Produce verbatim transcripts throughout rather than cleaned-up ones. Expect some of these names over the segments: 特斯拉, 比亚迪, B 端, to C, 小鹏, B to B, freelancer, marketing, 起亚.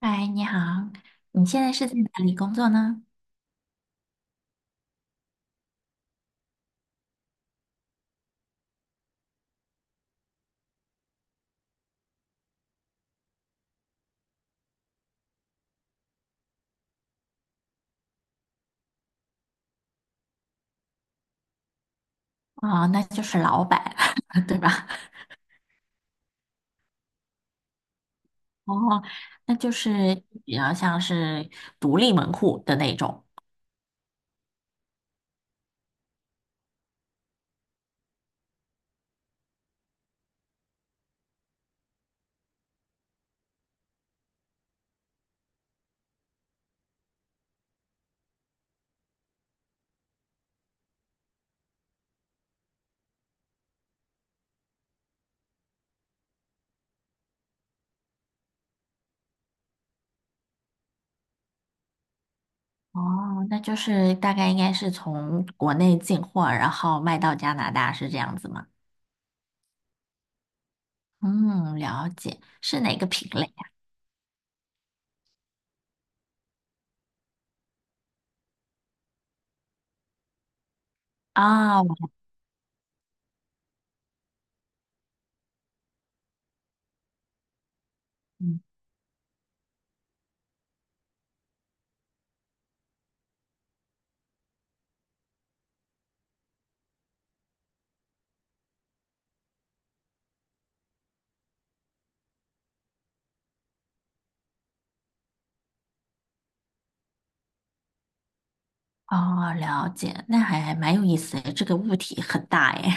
嗨，你好，你现在是在哪里工作呢？哦，那就是老板，对吧？哦，那就是比较像是独立门户的那种。哦，那就是大概应该是从国内进货，然后卖到加拿大，是这样子吗？嗯，了解，是哪个品类啊？哦，嗯哦，了解，那还蛮有意思的，这个物体很大诶。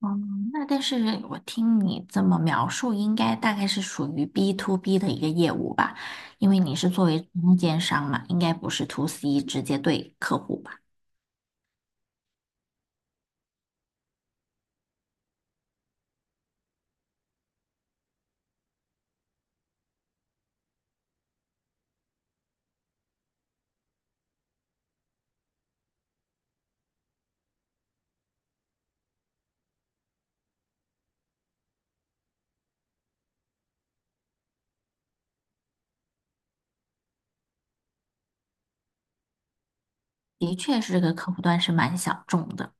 嗯，那但是我听你这么描述，应该大概是属于 B to B 的一个业务吧，因为你是作为中间商嘛，应该不是 to C 直接对客户吧？的确是这个客户端是蛮小众的。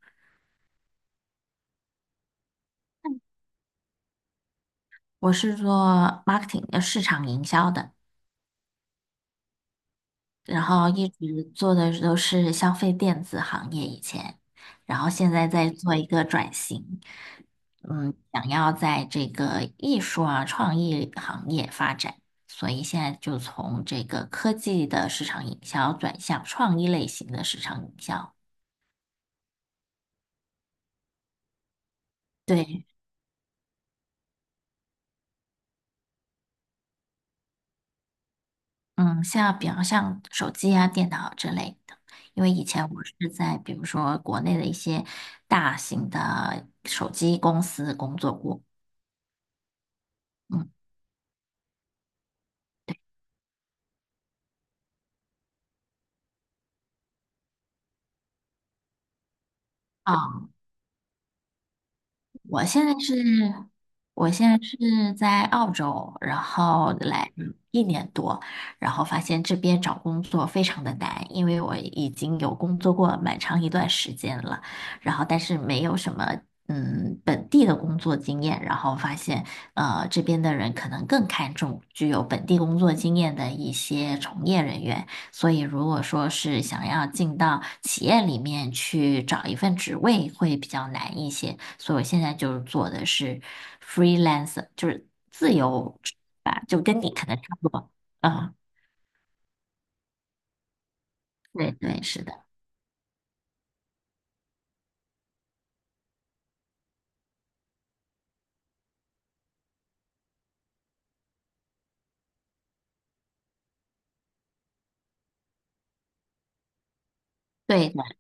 我是做 marketing 的市场营销的，然后一直做的都是消费电子行业以前，然后现在在做一个转型，嗯，想要在这个艺术啊创意行业发展，所以现在就从这个科技的市场营销转向创意类型的市场营销。对，嗯，像比方像手机啊、电脑之类的，因为以前我是在比如说国内的一些大型的手机公司工作过，嗯。啊。我现在是，我现在是在澳洲，然后来一年多，然后发现这边找工作非常的难，因为我已经有工作过蛮长一段时间了，然后但是没有什么嗯本地的工作经验，然后发现呃这边的人可能更看重具有本地工作经验的一些从业人员，所以，如果说是想要进到企业里面去找一份职位，会比较难一些。所以我现在就是做的是 freelancer，就是自由职吧，就跟你可能差不多。嗯，对对，是的，对。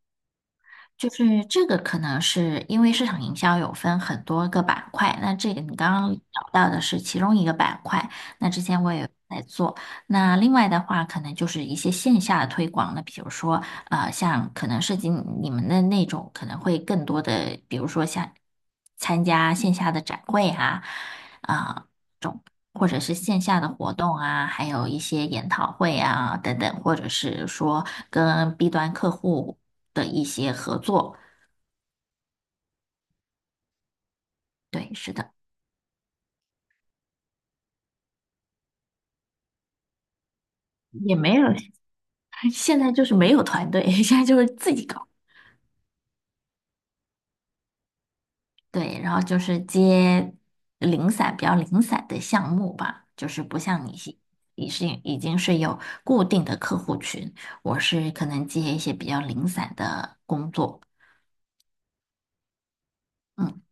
就是这个可能是因为市场营销有分很多个板块，那这个你刚刚聊到的是其中一个板块，那之前我也有在做。那另外的话，可能就是一些线下的推广，那比如说呃，像可能涉及你们的那种，可能会更多的，比如说像参加线下的展会啊，啊、或者是线下的活动啊，还有一些研讨会啊等等，或者是说跟 B 端客户的一些合作。对，是的，也没有，现在就是没有团队，现在就是自己搞。对，然后就是接零散、比较零散的项目吧，就是不像你是你是已经是有固定的客户群，我是可能接一些比较零散的工作。嗯，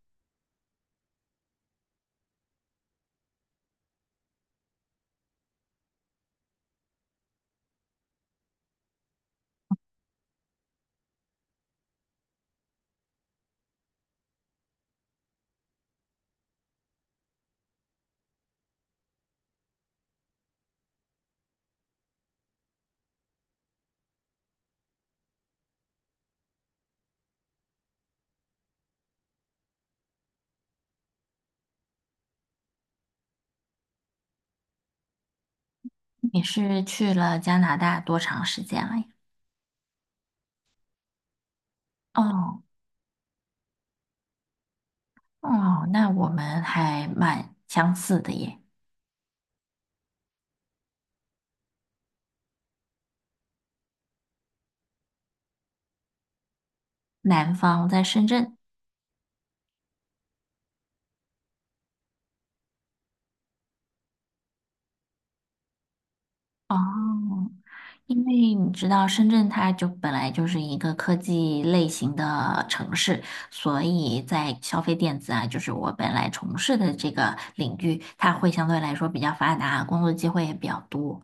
你是去了加拿大多长时间了呀？哦。哦，那我们还蛮相似的耶。南方在深圳。哦，因为你知道深圳它就本来就是一个科技类型的城市，所以在消费电子啊，就是我本来从事的这个领域，它会相对来说比较发达，工作机会也比较多。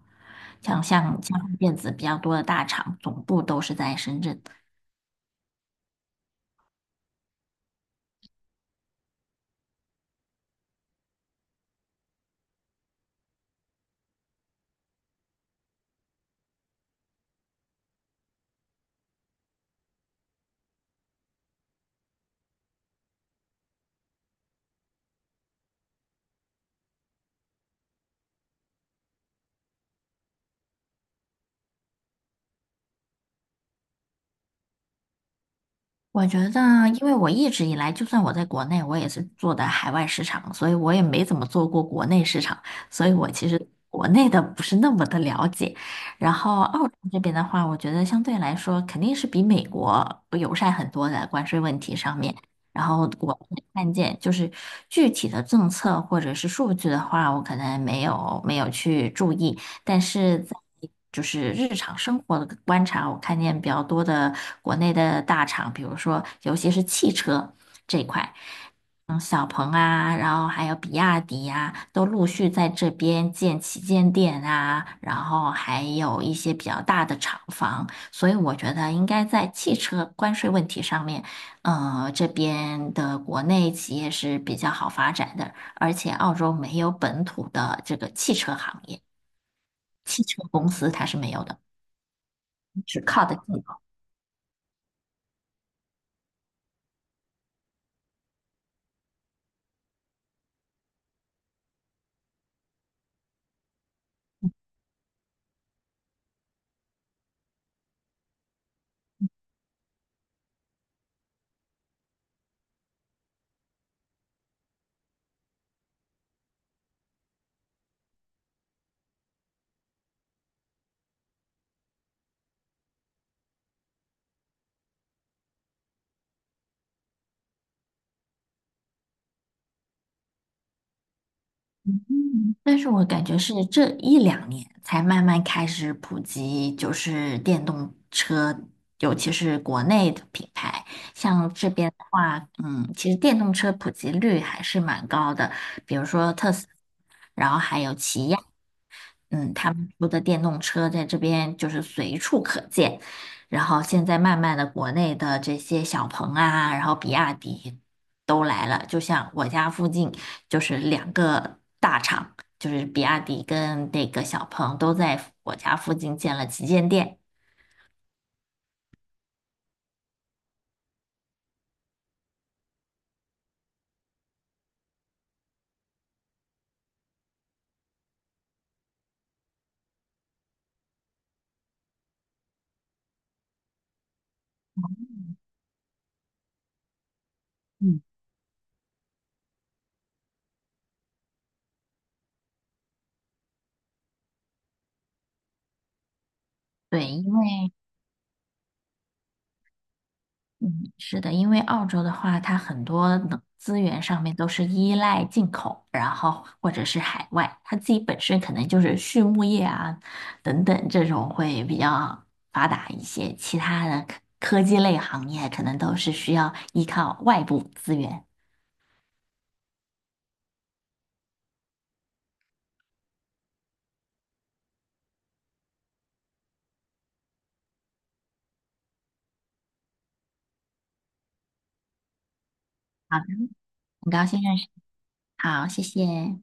像像像电子比较多的大厂，总部都是在深圳，我觉得，因为我一直以来，就算我在国内，我也是做的海外市场，所以我也没怎么做过国内市场，所以我其实国内的不是那么的了解。然后澳洲这边的话，我觉得相对来说肯定是比美国友善很多的关税问题上面。然后我看见就是具体的政策或者是数据的话，我可能没有没有去注意。但是在就是日常生活的观察，我看见比较多的国内的大厂，比如说尤其是汽车这一块，嗯，小鹏啊，然后还有比亚迪呀、啊都陆续在这边建旗舰店啊，然后还有一些比较大的厂房，所以我觉得应该在汽车关税问题上面，呃，这边的国内企业是比较好发展的，而且澳洲没有本土的这个汽车行业。汽车公司它是没有的，只靠的进口。但是我感觉是这一两年才慢慢开始普及，就是电动车，尤其是国内的品牌。像这边的话，嗯，其实电动车普及率还是蛮高的，比如说特斯拉，然后还有起亚。嗯，他们说的电动车在这边就是随处可见，然后现在慢慢的国内的这些小鹏啊，然后比亚迪都来了，就像我家附近就是两个大厂，就是比亚迪跟那个小鹏都在我家附近建了旗舰店。嗯，对，因为嗯，是的，因为澳洲的话，它很多能资源上面都是依赖进口，然后或者是海外，它自己本身可能就是畜牧业啊等等这种会比较发达一些，其他的科科技类行业可能都是需要依靠外部资源。好，很高兴认识你。好，谢谢。